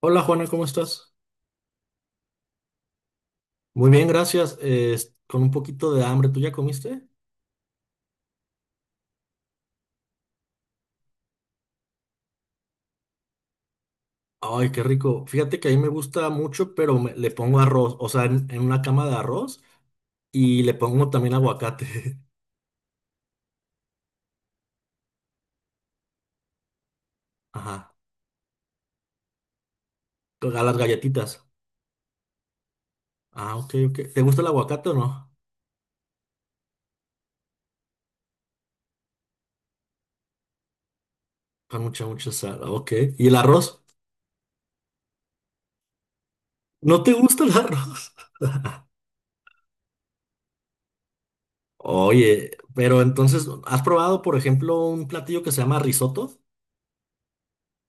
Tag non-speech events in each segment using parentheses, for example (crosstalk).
Hola Juana, ¿cómo estás? Muy bien, gracias. Con un poquito de hambre, ¿tú ya comiste? Ay, qué rico. Fíjate que a mí me gusta mucho, pero le pongo arroz, o sea, en una cama de arroz y le pongo también aguacate. (laughs) Ajá, a las galletitas. Ah, ok, ok. ¿Te gusta el aguacate o no? Con mucha, mucha sal. Ah, ok. ¿Y el arroz? ¿No te gusta el arroz? (laughs) Oye, pero entonces, ¿has probado, por ejemplo, un platillo que se llama risotto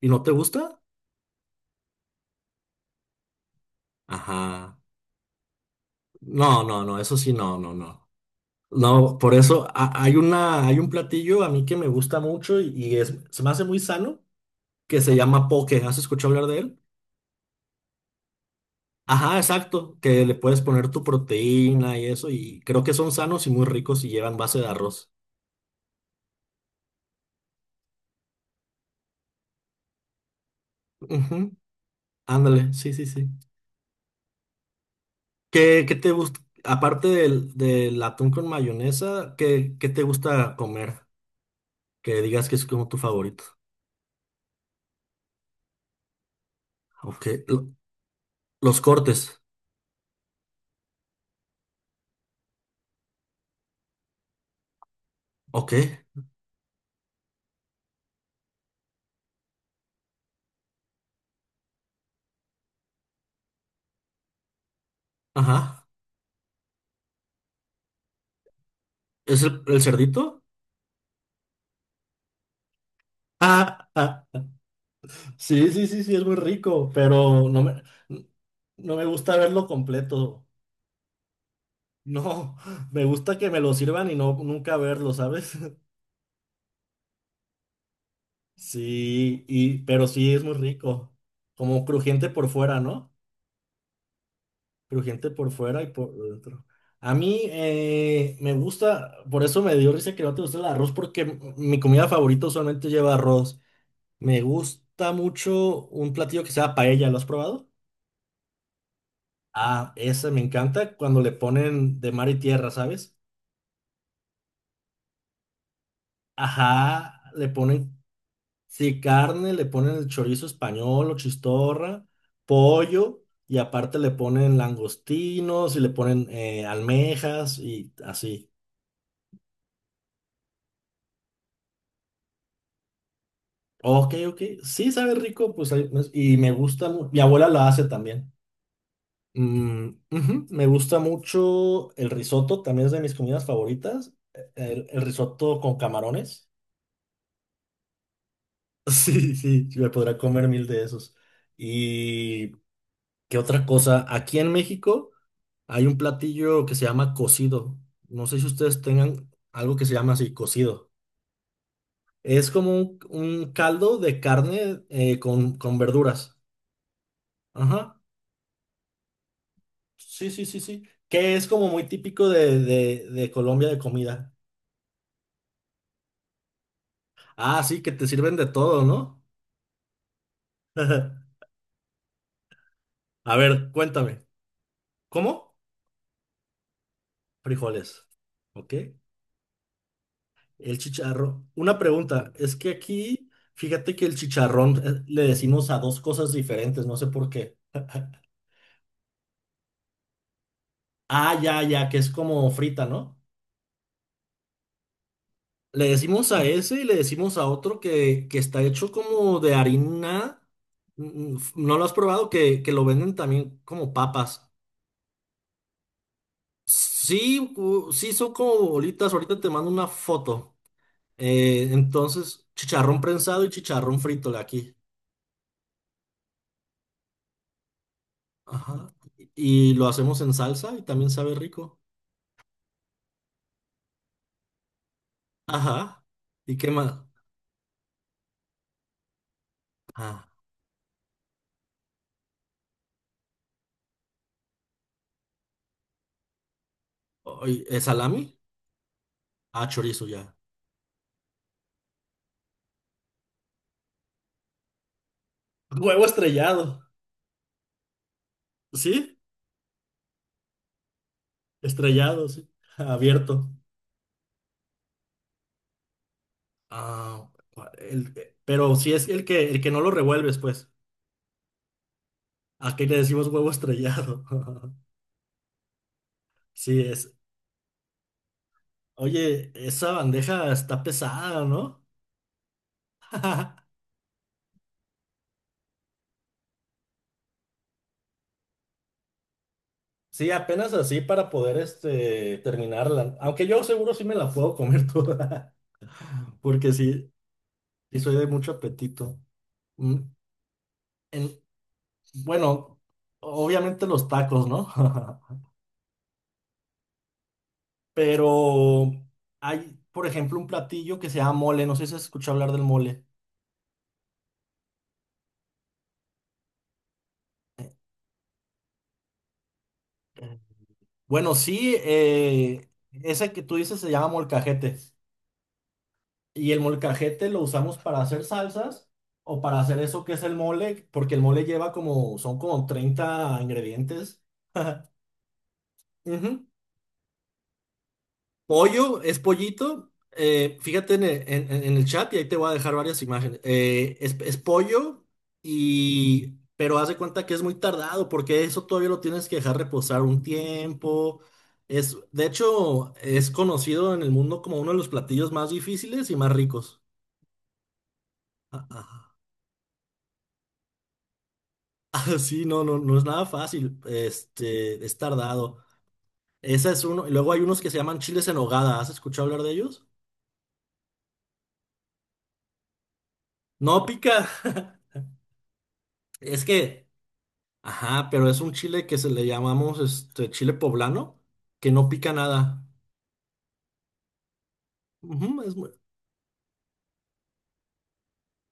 y no te gusta? Ajá. No, no, no, eso sí, no, no, no. No, por eso hay hay un platillo a mí que me gusta mucho y es, se me hace muy sano, que se llama poke. ¿Has escuchado hablar de él? Ajá, exacto, que le puedes poner tu proteína y eso, y creo que son sanos y muy ricos y llevan base de arroz. Ujú, ándale, sí, sí, sí. ¿Qué, qué te gusta, aparte del atún con mayonesa, ¿qué, qué te gusta comer? Que digas que es como tu favorito. Ok, los cortes. Ok, ajá. ¿Es el cerdito? (laughs) Sí, sí, sí, sí, es muy rico, pero no me gusta verlo completo. No, (laughs) me gusta que me lo sirvan y no nunca verlo, ¿sabes? (laughs) Sí, y pero sí es muy rico. Como crujiente por fuera, ¿no? Crujiente por fuera y por dentro. A mí me gusta, por eso me dio risa que no te gusta el arroz, porque mi comida favorita usualmente lleva arroz. Me gusta mucho un platillo que sea paella, ¿lo has probado? Ah, esa me encanta cuando le ponen de mar y tierra, ¿sabes? Ajá, le ponen, sí, carne, le ponen el chorizo español o chistorra, pollo, y aparte le ponen langostinos y le ponen almejas y así. Ok, ok, sí, sabe rico, pues pues, y me gusta, mi abuela lo hace también. Mm, ujú, me gusta mucho el risotto, también es de mis comidas favoritas, e, el risotto con camarones. (laughs) Sí, sí, sí, me podrá comer mil de esos. ¿Y qué otra cosa? Aquí en México hay un platillo que se llama cocido. No sé si ustedes tengan algo que se llama así, cocido. Es como un caldo de carne con verduras. Ajá. Sí, sí, sí, sí. Que es como muy típico de Colombia de comida. Ah, sí, que te sirven de todo, ¿no? (laughs) A ver, cuéntame. ¿Cómo? Frijoles. ¿Ok? El chicharrón. Una pregunta, es que aquí, fíjate que el chicharrón le decimos a dos cosas diferentes, no sé por qué. Ah, ya, ya, que es como frita, ¿no? Le decimos a ese y le decimos a otro que está hecho como de harina. Mm, mm, ¿no lo has probado? Que lo venden también como papas. Sí, sí, son como bolitas. Ahorita te mando una foto. Entonces, chicharrón prensado y chicharrón frito de aquí. Ajá. Y lo hacemos en salsa y también sabe rico. Ajá. ¿Y qué más? Ah, oy, ¿es salami? Ah, chorizo ya. Huevo estrellado. ¿Sí? Estrellado, sí. (laughs) Abierto. Ah, pero si es el que no lo revuelves, pues. Aquí le decimos huevo estrellado. (laughs) Sí, es. Oye, esa bandeja está pesada, ¿no? (laughs) Sí, apenas así para poder este, terminarla. Aunque yo seguro sí me la puedo comer toda. (laughs) Porque sí, sí soy de mucho apetito. Mm. en- Bueno, obviamente los tacos, ¿no? (laughs) Pero hay, por ejemplo, un platillo que se llama mole. No sé si has escuchado hablar del mole. Eh, Bueno, sí, ese que tú dices se llama molcajete. Y el molcajete lo usamos para hacer salsas o para hacer eso que es el mole, porque el mole lleva como, son como 30 ingredientes. (laughs) Ujú. Pollo es pollito. Fíjate en el, en el chat y ahí te voy a dejar varias imágenes. Es pollo y... Pero haz de cuenta que es muy tardado porque eso todavía lo tienes que dejar reposar un tiempo. Es, de hecho, es conocido en el mundo como uno de los platillos más difíciles y más ricos. Ah, ah. (laughs) Sí, no, no, no es nada fácil. Este, es tardado. Ese es uno. Y luego hay unos que se llaman chiles en nogada. ¿Has escuchado hablar de ellos? No pica. (laughs) Es que ajá, pero es un chile que se le llamamos este chile poblano, que no pica nada. Ujú, es muy-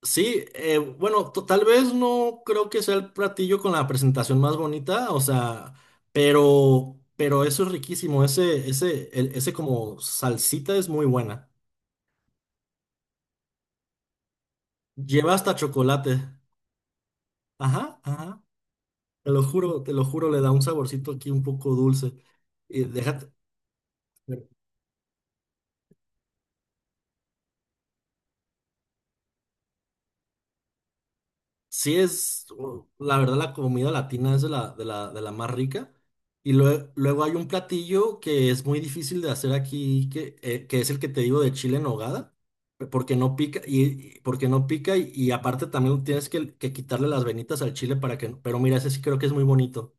Sí, bueno, tal vez no creo que sea el platillo con la presentación más bonita, o sea, pero eso es riquísimo, ese, ese como salsita es muy buena. Lleva hasta chocolate. Ajá, ajá. Te lo juro, le da un saborcito aquí un poco dulce. Y déjate. Sí es, la verdad, la comida latina es de la, de la, de la más rica. Y luego hay un platillo que es muy difícil de hacer aquí, que es el que te digo de chile en nogada, porque no pica, porque no pica, y aparte también tienes que quitarle las venitas al chile para que, pero mira, ese sí creo que es muy bonito.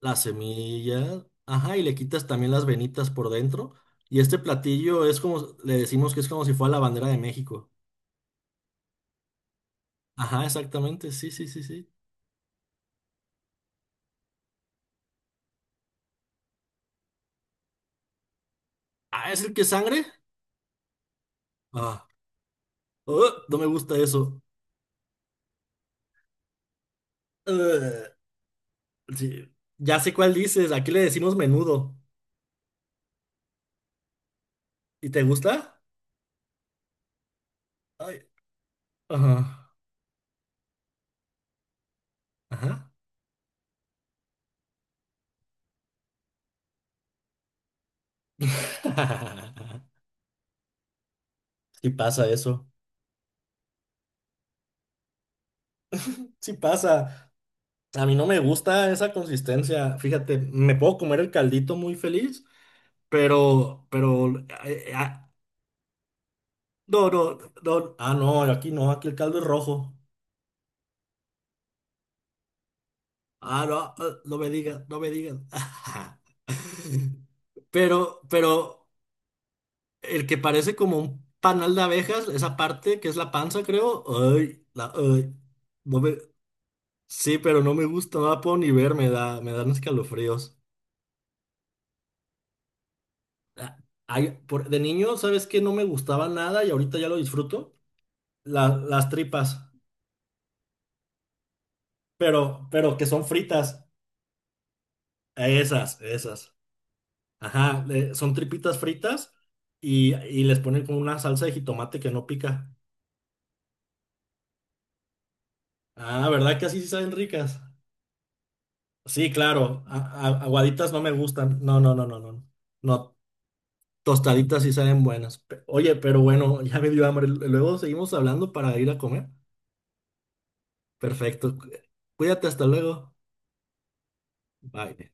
Las semillas, ajá, y le quitas también las venitas por dentro. Y este platillo es como, le decimos que es como si fuera la bandera de México. Ajá, exactamente, sí, sí, sí, sí. Ah, ¿es el que es sangre? Ah, no me gusta eso. Uh, sí, ya sé cuál dices. Aquí le decimos menudo. ¿Y te gusta? Ay, ajá, ajá. (laughs) Sí pasa eso. Sí pasa. A mí no me gusta esa consistencia. Fíjate, me puedo comer el caldito muy feliz, pero, eh, ah, no, no, no. Ah, no, aquí no, aquí el caldo es rojo. Ah, no, ah, no me digas, no me digas. (laughs) Pero, pero. El que parece como un panal de abejas, esa parte que es la panza, creo. Ay, la, ay, no me- sí, pero no me gusta, no la puedo ni ver, me da, me dan escalofríos. Ah, ay, de niño, ¿sabes qué? No me gustaba nada y ahorita ya lo disfruto. Las tripas, pero que son fritas. Esas, esas. Ajá, son tripitas fritas y les ponen como una salsa de jitomate que no pica. Ah, ¿verdad que así sí saben ricas? Sí, claro. Aguaditas no me gustan. No, no, no, no, no. No, tostaditas sí saben buenas. Oye, pero bueno, (laughs) ya me dio hambre. Luego seguimos hablando para ir a comer. Perfecto. Cuídate, hasta luego. Bye.